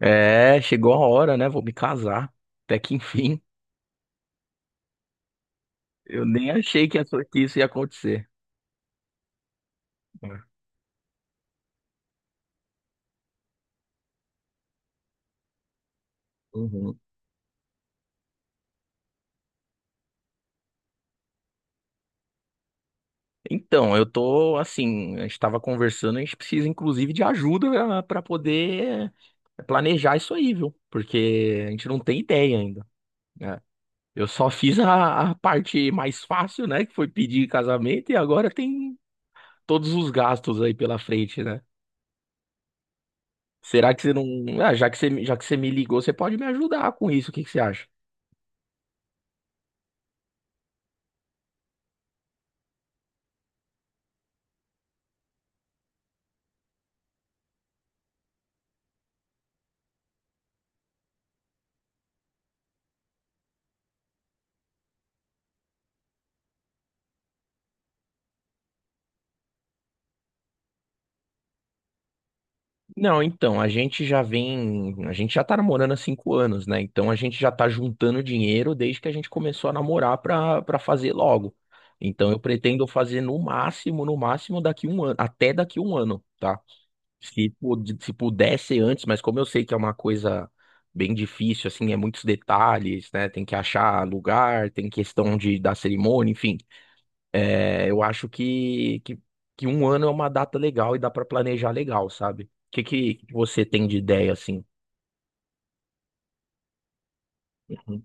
É, chegou a hora, né? Vou me casar. Até que enfim. Eu nem achei que isso ia acontecer. É. Uhum. Então, eu tô assim, a gente estava conversando, a gente precisa inclusive de ajuda para poder planejar isso aí, viu? Porque a gente não tem ideia ainda, né? Eu só fiz a parte mais fácil, né? Que foi pedir casamento e agora tem todos os gastos aí pela frente, né? Será que você não. Ah, já que você me ligou, você pode me ajudar com isso? O que que você acha? Não, então, a gente já vem, a gente já tá namorando há 5 anos, né? Então a gente já tá juntando dinheiro desde que a gente começou a namorar pra fazer logo. Então eu pretendo fazer no máximo daqui 1 ano, até daqui 1 ano, tá? Se pudesse antes, mas como eu sei que é uma coisa bem difícil, assim, é muitos detalhes, né? Tem que achar lugar, tem questão de da cerimônia, enfim. É, eu acho que 1 ano é uma data legal e dá pra planejar legal, sabe? O que, que você tem de ideia assim? Uhum,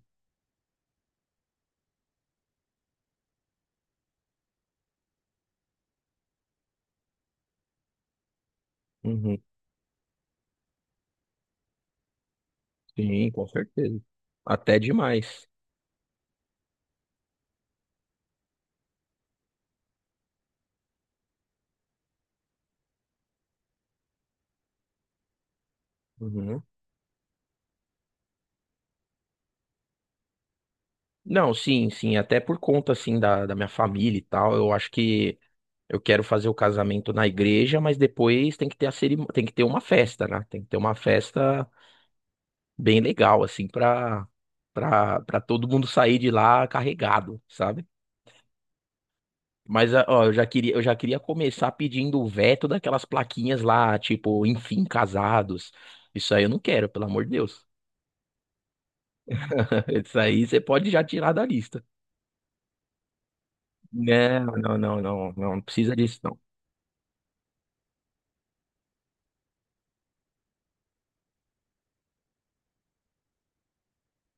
uhum. Sim, com certeza. Até demais. Uhum. Não, Sim, sim, até por conta assim da minha família e tal, eu acho que eu quero fazer o casamento na igreja, mas depois tem que ter a cerim... tem que ter uma festa, né? Tem que ter uma festa bem legal assim pra para todo mundo sair de lá carregado, sabe? Mas, ah, ó, eu já queria começar pedindo o veto daquelas plaquinhas lá, tipo, enfim, casados. Isso aí eu não quero, pelo amor de Deus. Isso aí você pode já tirar da lista. Não, não, não, não, não, não precisa disso, não.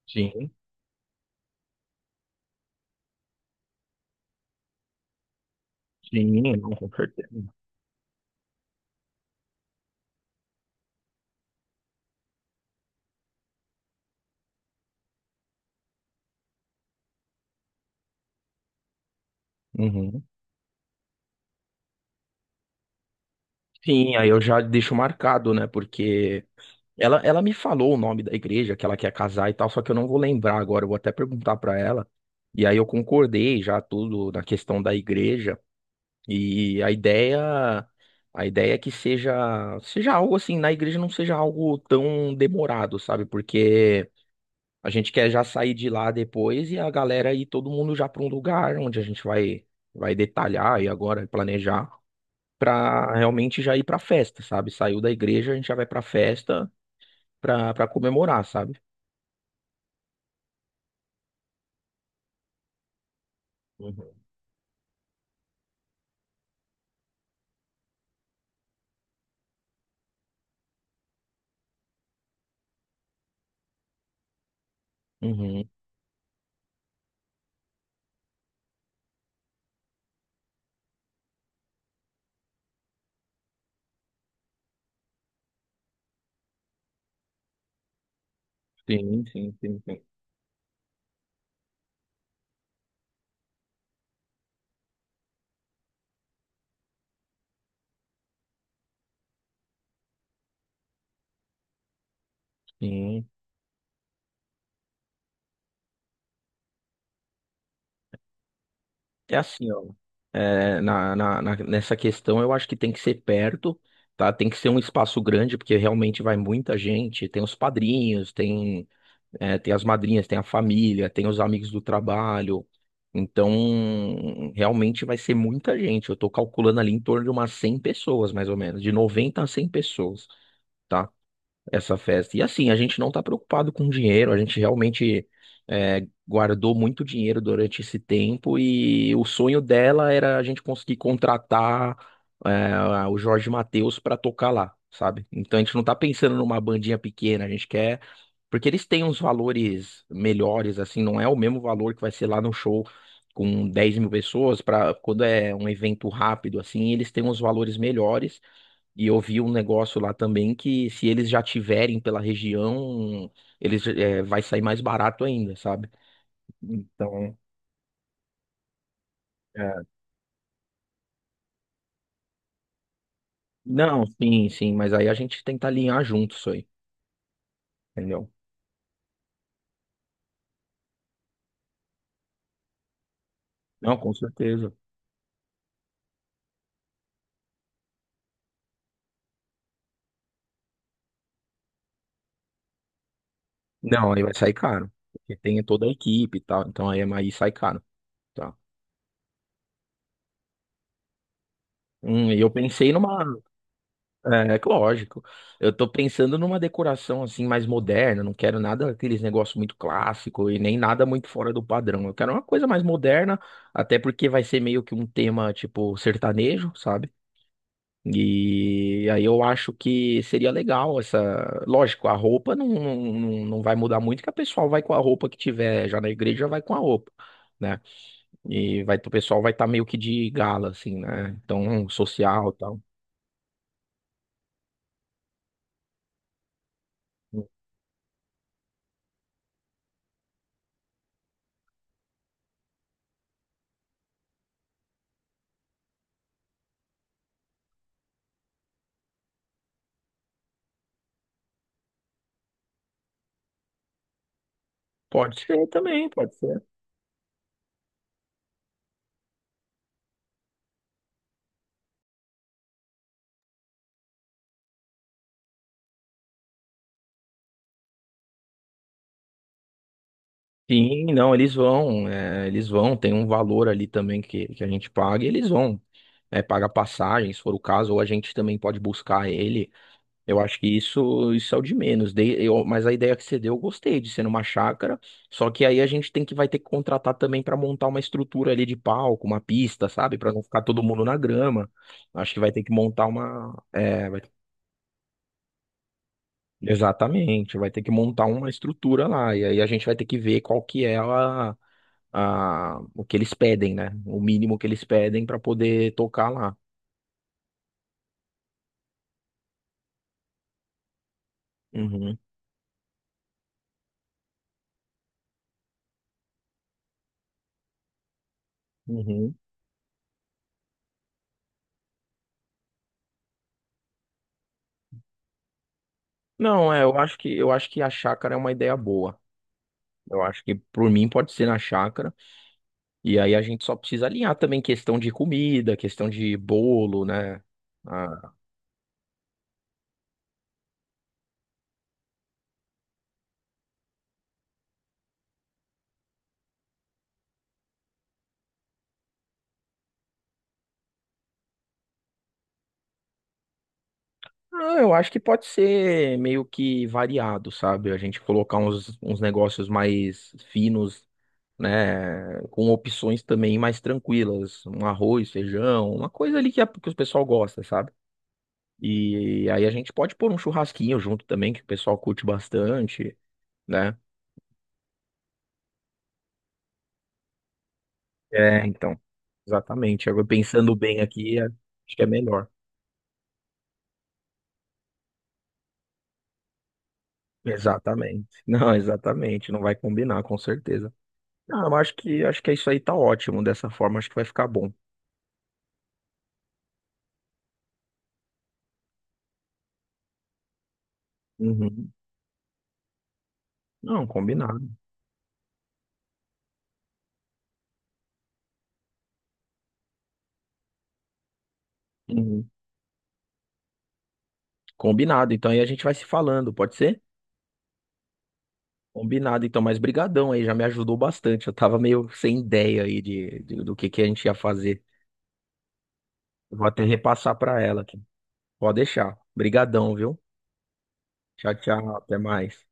Sim, sim, não, com certeza. Uhum. Sim, aí eu já deixo marcado, né? Porque ela me falou o nome da igreja que ela quer casar e tal, só que eu não vou lembrar agora, eu vou até perguntar pra ela. E aí eu concordei já tudo na questão da igreja. E a ideia é que seja algo assim, na igreja não seja algo tão demorado, sabe? Porque a gente quer já sair de lá depois e a galera e todo mundo já para um lugar onde a gente vai detalhar e agora planejar para realmente já ir para festa, sabe? Saiu da igreja, a gente já vai para festa para comemorar, sabe? Uhum. Uhum. Sim, sim, sim, sim. Sim, é assim, ó. É, nessa questão, eu acho que tem que ser perto, tá? Tem que ser um espaço grande, porque realmente vai muita gente. Tem os padrinhos, tem, é, tem as madrinhas, tem a família, tem os amigos do trabalho. Então, realmente vai ser muita gente. Eu tô calculando ali em torno de umas 100 pessoas, mais ou menos, de 90 a 100 pessoas, tá? Essa festa. E assim, a gente não tá preocupado com dinheiro, a gente realmente é, guardou muito dinheiro durante esse tempo e o sonho dela era a gente conseguir contratar é, o Jorge Mateus para tocar lá, sabe? Então a gente não tá pensando numa bandinha pequena, a gente quer. Porque eles têm uns valores melhores, assim, não é o mesmo valor que vai ser lá no show com 10 mil pessoas, para quando é um evento rápido, assim, eles têm uns valores melhores. E eu vi um negócio lá também que se eles já tiverem pela região, eles é, vai sair mais barato ainda, sabe? Então, é, não, sim, sim, mas aí a gente tenta alinhar junto isso aí, entendeu? Não, com certeza. Não, aí vai sair caro, porque tem toda a equipe e tal, então aí, é, aí sai caro, tá? E eu pensei numa é, que lógico. Eu tô pensando numa decoração assim mais moderna, não quero nada aqueles negócios muito clássico e nem nada muito fora do padrão. Eu quero uma coisa mais moderna, até porque vai ser meio que um tema tipo sertanejo, sabe? E aí eu acho que seria legal essa. Lógico, a roupa não, não não vai mudar muito, que a pessoa vai com a roupa que tiver já na igreja, já vai com a roupa. Né? E vai, o pessoal vai estar meio que de gala, assim, né? Então, social e tal. Pode ser também, pode ser. Sim, não, eles vão, tem um valor ali também que a gente paga e eles vão, é, pagar passagem, se for o caso, ou a gente também pode buscar ele. Eu acho que isso é o de menos. Mas a ideia que você deu, eu gostei de ser numa chácara, só que aí a gente tem que vai ter que contratar também para montar uma estrutura ali de palco, uma pista, sabe? Para não ficar todo mundo na grama. Acho que vai ter que montar uma, é, vai- Exatamente, vai ter que montar uma estrutura lá, e aí a gente vai ter que ver qual que a, o que eles pedem, né? O mínimo que eles pedem para poder tocar lá. Uhum, uhum. Não, é, eu acho que a chácara é uma ideia boa. Eu acho que por mim pode ser na chácara. E aí a gente só precisa alinhar também questão de comida, questão de bolo, né? Ah, ah, eu acho que pode ser meio que variado, sabe? A gente colocar uns negócios mais finos, né? Com opções também mais tranquilas. Um arroz, feijão, uma coisa ali que o pessoal gosta, sabe? E aí a gente pode pôr um churrasquinho junto também, que o pessoal curte bastante, né? É, então, exatamente. Agora pensando bem aqui, acho que é melhor. Exatamente. Não, exatamente, não vai combinar, com certeza. Não, eu acho que é isso aí tá ótimo dessa forma, acho que vai ficar bom. Uhum. Não, combinado. Uhum. Combinado. Então aí a gente vai se falando, pode ser? Combinado, então, mas brigadão aí, já me ajudou bastante. Eu tava meio sem ideia aí do que a gente ia fazer. Eu vou até repassar pra ela. Pode deixar. Brigadão, viu? Tchau, tchau. Até mais.